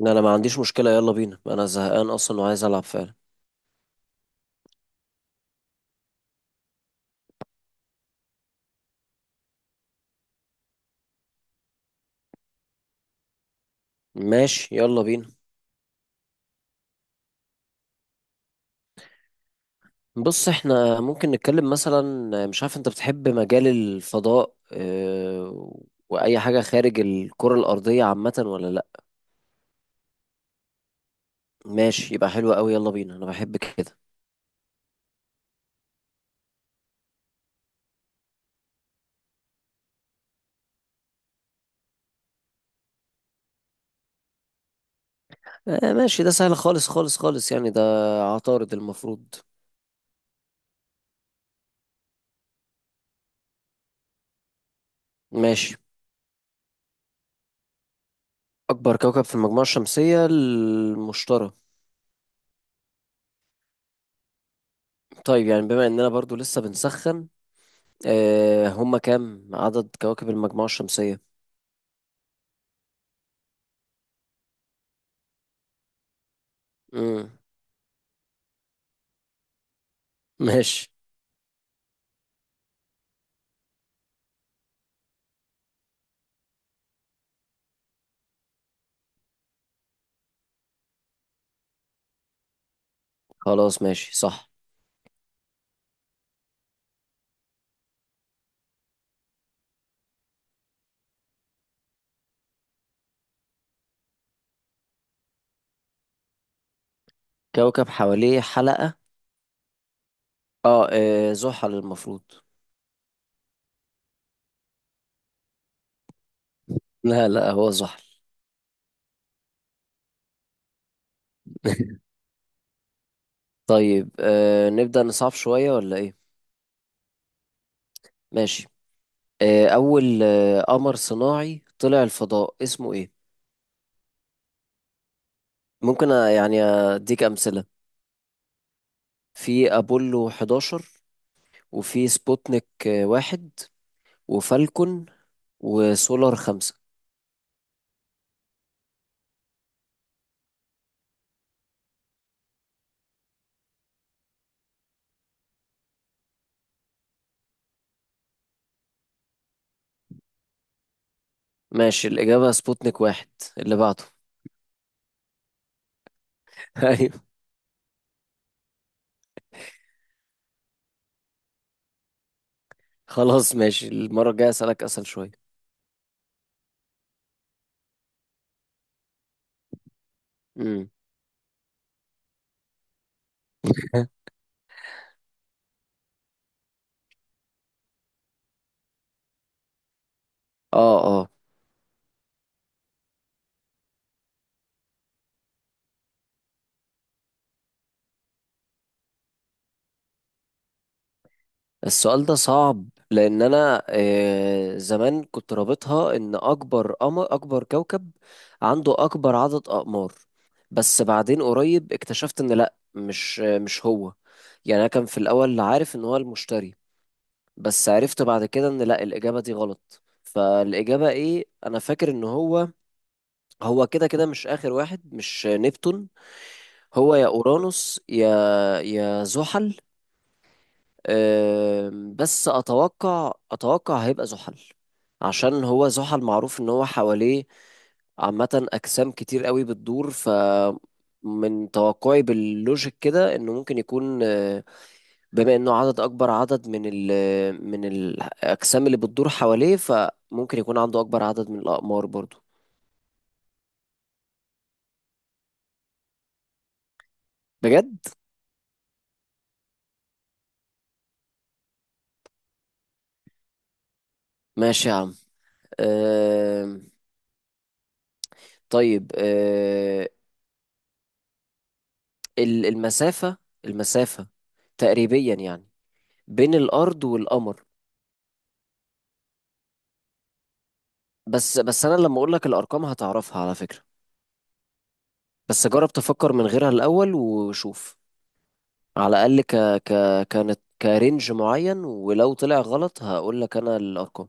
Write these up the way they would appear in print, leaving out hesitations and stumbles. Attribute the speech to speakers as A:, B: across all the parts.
A: ان انا ما عنديش مشكلة، يلا بينا، انا زهقان اصلا وعايز العب فعلا. ماشي، يلا بينا. بص احنا ممكن نتكلم مثلا، مش عارف، انت بتحب مجال الفضاء اه؟ واي حاجة خارج الكرة الارضية عامة ولا لا؟ ماشي، يبقى حلو قوي، يلا بينا، انا بحب كده. اه ماشي، ده سهل خالص خالص خالص يعني. ده عطارد المفروض. ماشي. اكبر كوكب في المجموعة الشمسية المشتري. طيب يعني بما اننا برضو لسه بنسخن، اه، هما كام عدد كواكب المجموعة الشمسية؟ امم. ماشي، خلاص ماشي صح. كوكب حواليه حلقة. اه، زحل المفروض. لا لا، هو زحل. طيب، نبدأ نصعب شوية ولا ايه؟ ماشي. أول قمر صناعي طلع الفضاء اسمه ايه؟ ممكن يعني أديك أمثلة. في أبولو 11، وفي سبوتنيك واحد، وفالكون، وسولار 5. ماشي، الإجابة سبوتنيك 1 اللي بعده. أيوة. خلاص ماشي، المرة الجاية أسألك أسهل شوية. امم. اه اه. السؤال ده صعب لان انا زمان كنت رابطها ان اكبر قمر اكبر كوكب عنده اكبر عدد اقمار. بس بعدين قريب اكتشفت ان لا، مش هو، يعني انا كان في الاول عارف ان هو المشتري. بس عرفت بعد كده ان لا، الاجابة دي غلط، فالاجابة ايه؟ انا فاكر ان هو، هو كده كده مش اخر واحد، مش نبتون. هو يا اورانوس يا، يا زحل. بس اتوقع هيبقى زحل، عشان هو زحل معروف ان هو حواليه عامة اجسام كتير قوي بتدور، من توقعي باللوجيك كده انه ممكن يكون، بما انه اكبر عدد من من الاجسام اللي بتدور حواليه، فممكن يكون عنده اكبر عدد من الاقمار برضو. بجد. ماشي يا عم. أم، طيب، المسافة، المسافة تقريبيا يعني بين الارض والقمر. بس بس، انا لما اقول لك الارقام هتعرفها على فكرة. بس جرب تفكر من غيرها الاول وشوف، على الاقل. ك كانت كرنج معين، ولو طلع غلط هقول لك انا الارقام.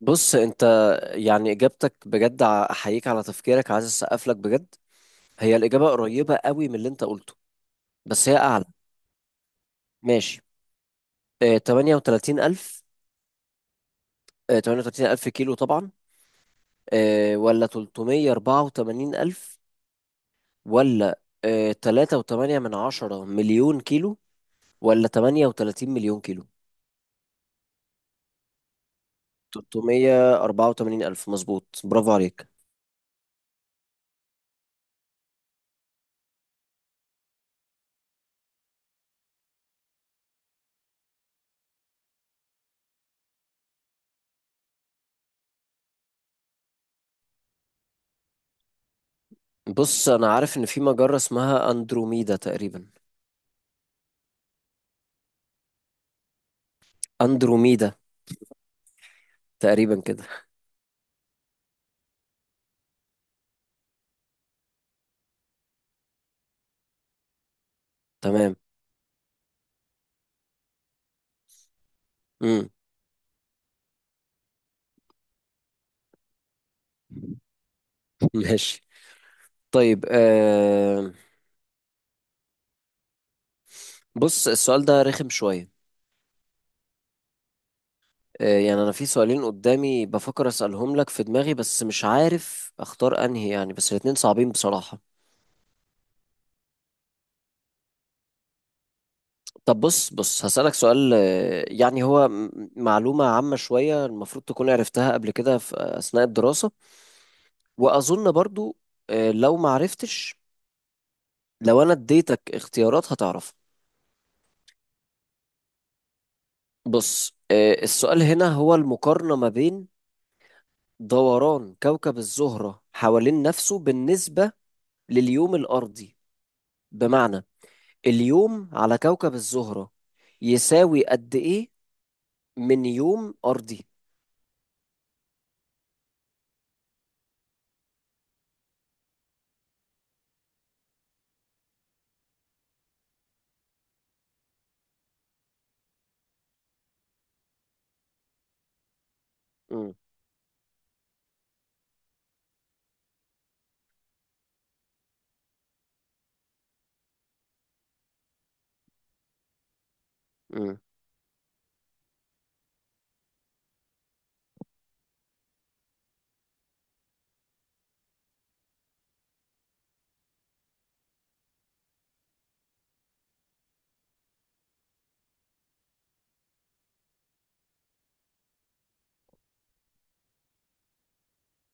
A: بص انت، يعني اجابتك بجد احييك على تفكيرك، عايز اسقف لك بجد. هي الاجابة قريبة قوي من اللي انت قلته، بس هي اعلى. ماشي. 38000. 38000 كيلو طبعا، ولا 384000، ولا تلاتة وتمانية من عشرة مليون كيلو، ولا 38 مليون كيلو. 384000، مظبوط، برافو عليك. بص أنا عارف إن في مجرة اسمها أندروميدا تقريبا. أندروميدا، تقريبا كده. تمام. مم. ماشي. طيب، بص السؤال ده رخم شوية. يعني أنا في سؤالين قدامي بفكر أسألهم لك في دماغي، بس مش عارف أختار أنهي يعني، بس الاتنين صعبين بصراحة. طب بص بص، هسألك سؤال، يعني هو معلومة عامة شوية المفروض تكون عرفتها قبل كده في أثناء الدراسة. وأظن برضو، لو ما عرفتش، لو أنا اديتك اختيارات هتعرف. بص، السؤال هنا هو المقارنة ما بين دوران كوكب الزهرة حوالين نفسه بالنسبة لليوم الأرضي. بمعنى اليوم على كوكب الزهرة يساوي قد إيه من يوم أرضي؟ مم. مم.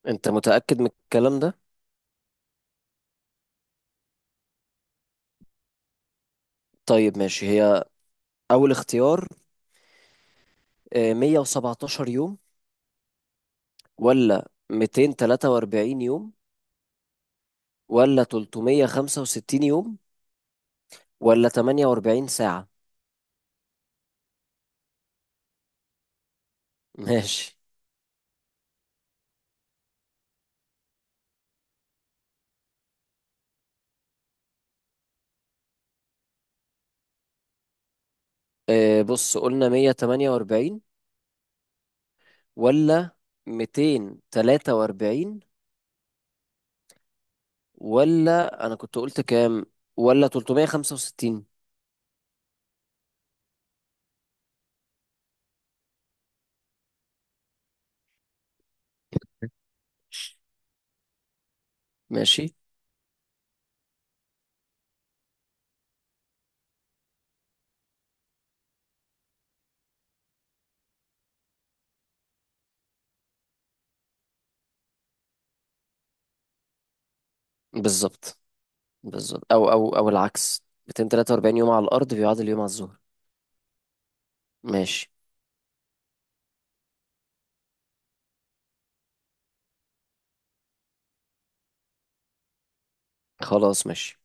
A: أنت متأكد من الكلام ده؟ طيب ماشي. هي أول اختيار، 117 يوم، ولا 243 يوم، ولا 365 يوم، ولا 48 ساعة؟ ماشي. بص قلنا 148، ولا 243، ولا أنا كنت قلت كام، ولا 365؟ ماشي. بالظبط بالظبط، أو العكس، 243 يوم على الأرض بيعادل يوم على الظهر. ماشي، خلاص ماشي.